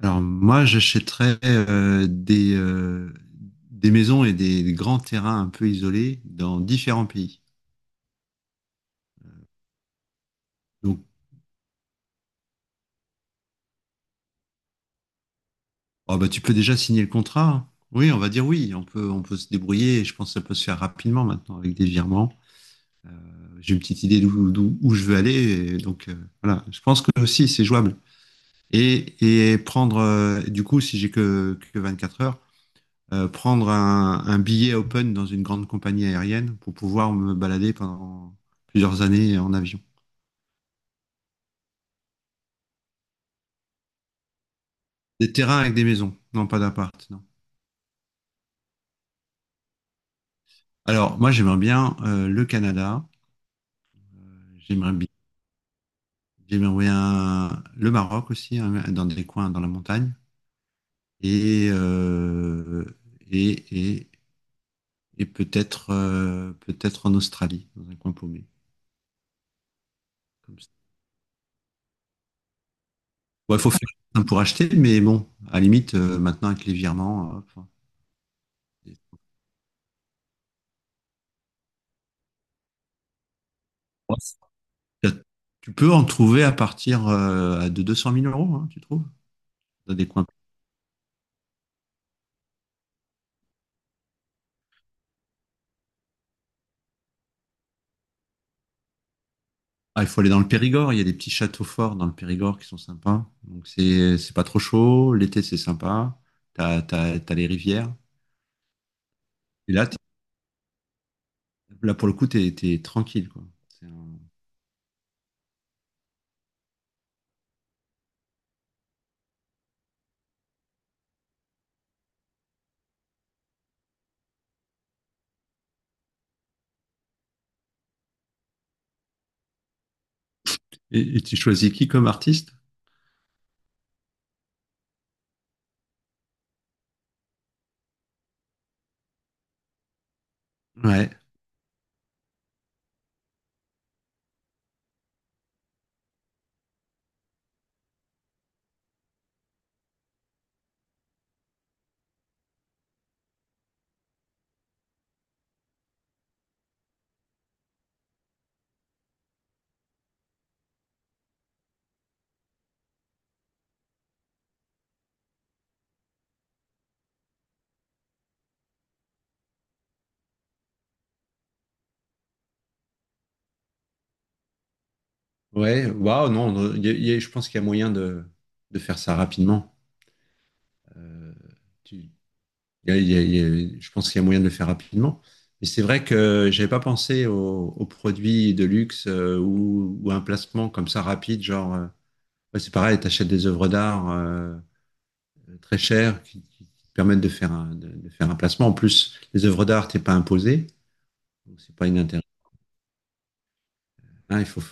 Alors moi, j'achèterais des maisons et des grands terrains un peu isolés dans différents pays. Donc, tu peux déjà signer le contrat. Hein. Oui, on va dire oui, on peut se débrouiller. Et Je pense que ça peut se faire rapidement maintenant avec des virements. J'ai une petite idée où je veux aller. Et donc voilà, je pense que aussi c'est jouable. Et, et prendre, du coup, si j'ai que 24 heures, prendre un billet open dans une grande compagnie aérienne pour pouvoir me balader pendant plusieurs années en avion. Des terrains avec des maisons, non pas d'appart, non. Alors, moi, j'aimerais bien le Canada, j'aimerais bien, j'aimerais bien le Maroc aussi, hein, dans des coins dans la montagne, et, euh, et, et, et peut-être peut-être en Australie, dans un coin paumé. Comme ça. Bon, il faut faire pour acheter, mais bon, à la limite, maintenant avec les virements, enfin, tu peux en trouver à partir de deux cent mille euros, hein, tu trouves, dans des coins. Ah, il faut aller dans le Périgord. Il y a des petits châteaux forts dans le Périgord qui sont sympas. Donc, c'est pas trop chaud. L'été, c'est sympa. T'as, t'as, t'as les rivières. Et là, t'es- Là pour le coup, t'es, t'es tranquille, quoi. C'est un- et tu choisis qui comme artiste? Ouais. Ouais. Waouh, non. Non, je pense qu'il y a moyen de faire ça rapidement. Euh, tu, Il y a- il y a- il y a- Je pense qu'il y a moyen de le faire rapidement. Mais c'est vrai que j'avais pas pensé aux, aux produits de luxe ou à un placement comme ça rapide, genre, ouais, c'est pareil, tu achètes des œuvres d'art très chères qui te permettent de faire un placement. En plus, les œuvres d'art, t'es pas imposé, donc c'est pas inintéressant. Hein, il faut...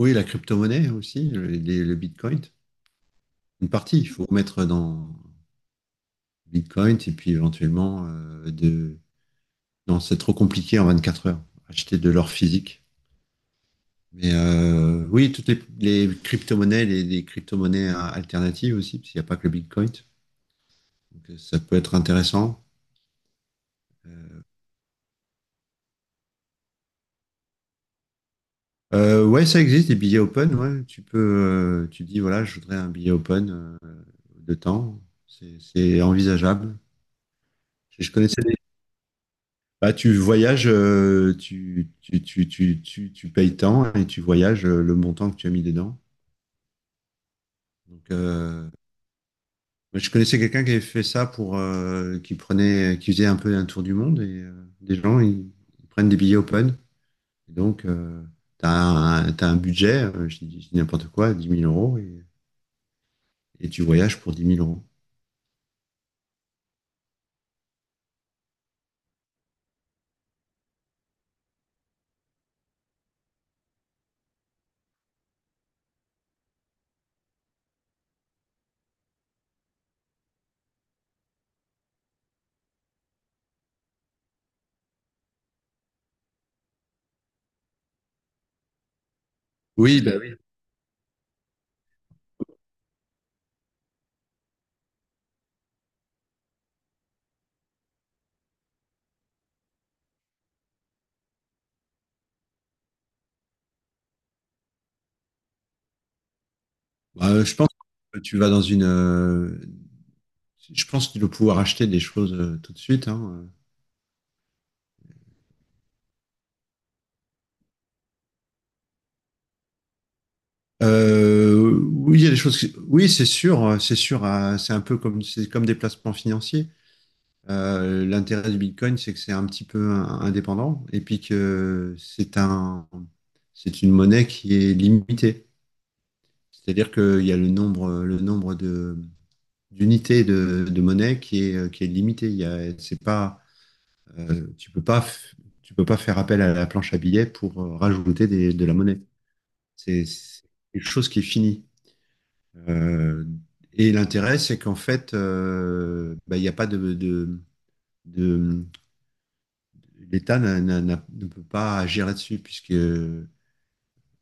Oui, la crypto-monnaie aussi, le Bitcoin. Une partie, il faut mettre dans Bitcoin et puis éventuellement de... Non, c'est trop compliqué en 24 heures. Acheter de l'or physique. Mais oui, toutes les crypto-monnaies, les crypto-monnaies alternatives aussi, parce qu'il n'y a pas que le Bitcoin. Donc ça peut être intéressant. Ouais, ça existe, des billets open. Ouais. Tu peux, tu dis, voilà, je voudrais un billet open euh, de temps. C'est envisageable. Je, je connaissais des- Bah, tu voyages, tu payes tant et tu voyages le montant que tu as mis dedans. Donc, moi, je connaissais quelqu'un qui avait fait ça pour, qui prenait, qui faisait un peu un tour du monde et des gens, ils prennent des billets open. Et donc, t'as un budget, je dis n'importe quoi, 10 000 € et tu voyages pour dix mille euros. Oui, bah oui. Je pense que tu vas dans une, je pense que tu dois pouvoir acheter des choses tout de suite, hein. Oui, il y a des choses. Qui- oui, c'est sûr, c'est sûr. C'est un peu comme, c'est comme des placements financiers. L'intérêt du Bitcoin, c'est que c'est un petit peu indépendant et puis que c'est un, c'est une monnaie qui est limitée. C'est-à-dire qu'il y a le nombre, d'unités de monnaie qui est limité. Il y a, c'est pas, euh, tu peux pas, f- tu peux pas faire appel à la planche à billets pour rajouter de la monnaie. C'est quelque chose qui est fini. Euh, et l'intérêt, c'est qu'en fait, bah, il n'y a pas de- l'État ne peut pas agir là-dessus, puisque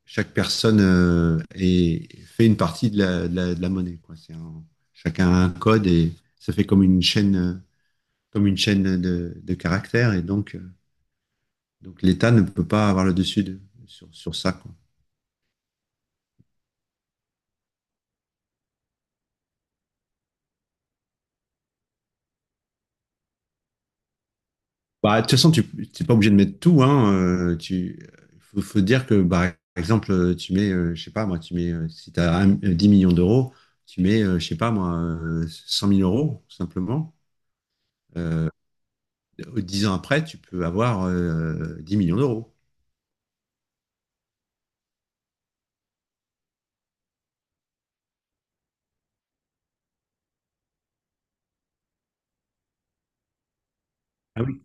chaque personne fait une partie de la, de la monnaie, quoi. Chacun a un code et ça fait comme une chaîne de caractères, et donc l'État ne peut pas avoir sur, sur ça, quoi. Bah, de toute façon, tu n'es pas obligé de mettre tout, hein. Faut, faut dire que, bah, par exemple, tu mets, je sais pas, moi, tu mets, si tu as 10 millions d'euros, tu mets, je sais pas, moi, 100 000 euros, simplement. Euh, 10 ans après, tu peux avoir 10 millions d'euros. Ah oui.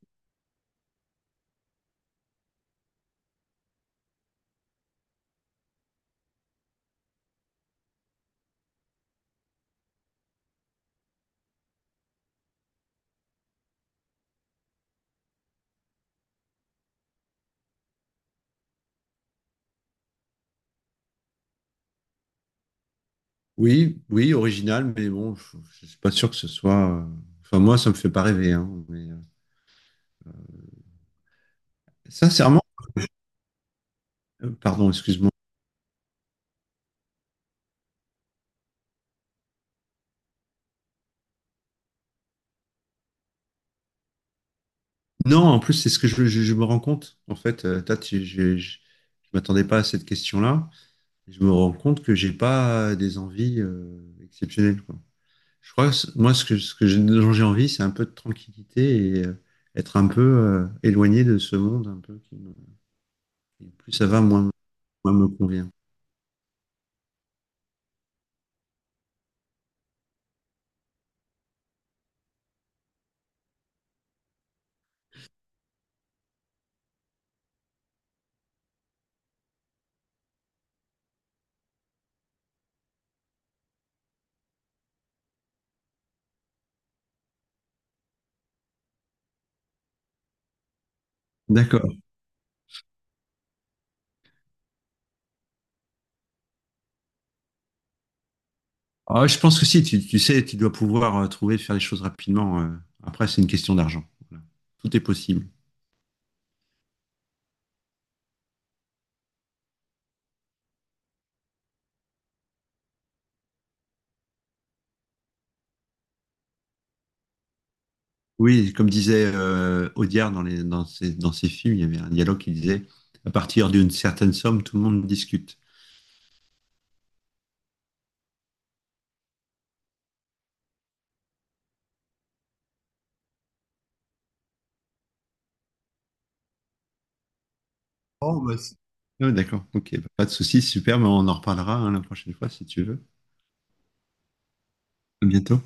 Oui, oui, original, mais bon, je suis pas sûr que ce soit. Enfin, moi, ça me fait pas rêver. Hein, mais, sincèrement, pardon, excuse-moi. Non, en plus, c'est ce que je me rends compte. En fait, Tat, je m'attendais pas à cette question-là. Je me rends compte que j'ai pas des envies exceptionnelles, quoi. Je crois moi, ce que, dont j'ai envie, c'est un peu de tranquillité et être un peu éloigné de ce monde, un peu. Et plus ça va, moins, moi, me convient. D'accord. Ah, je pense que si, tu sais, tu dois pouvoir trouver, faire les choses rapidement. Après, c'est une question d'argent. Voilà. Tout est possible. Oui, comme disait Audiard dans les, dans ses films, il y avait un dialogue qui disait, à partir d'une certaine somme, tout le monde discute. Ah, d'accord, ok, bah, pas de souci, super, mais on en reparlera hein, la prochaine fois si tu veux. À bientôt.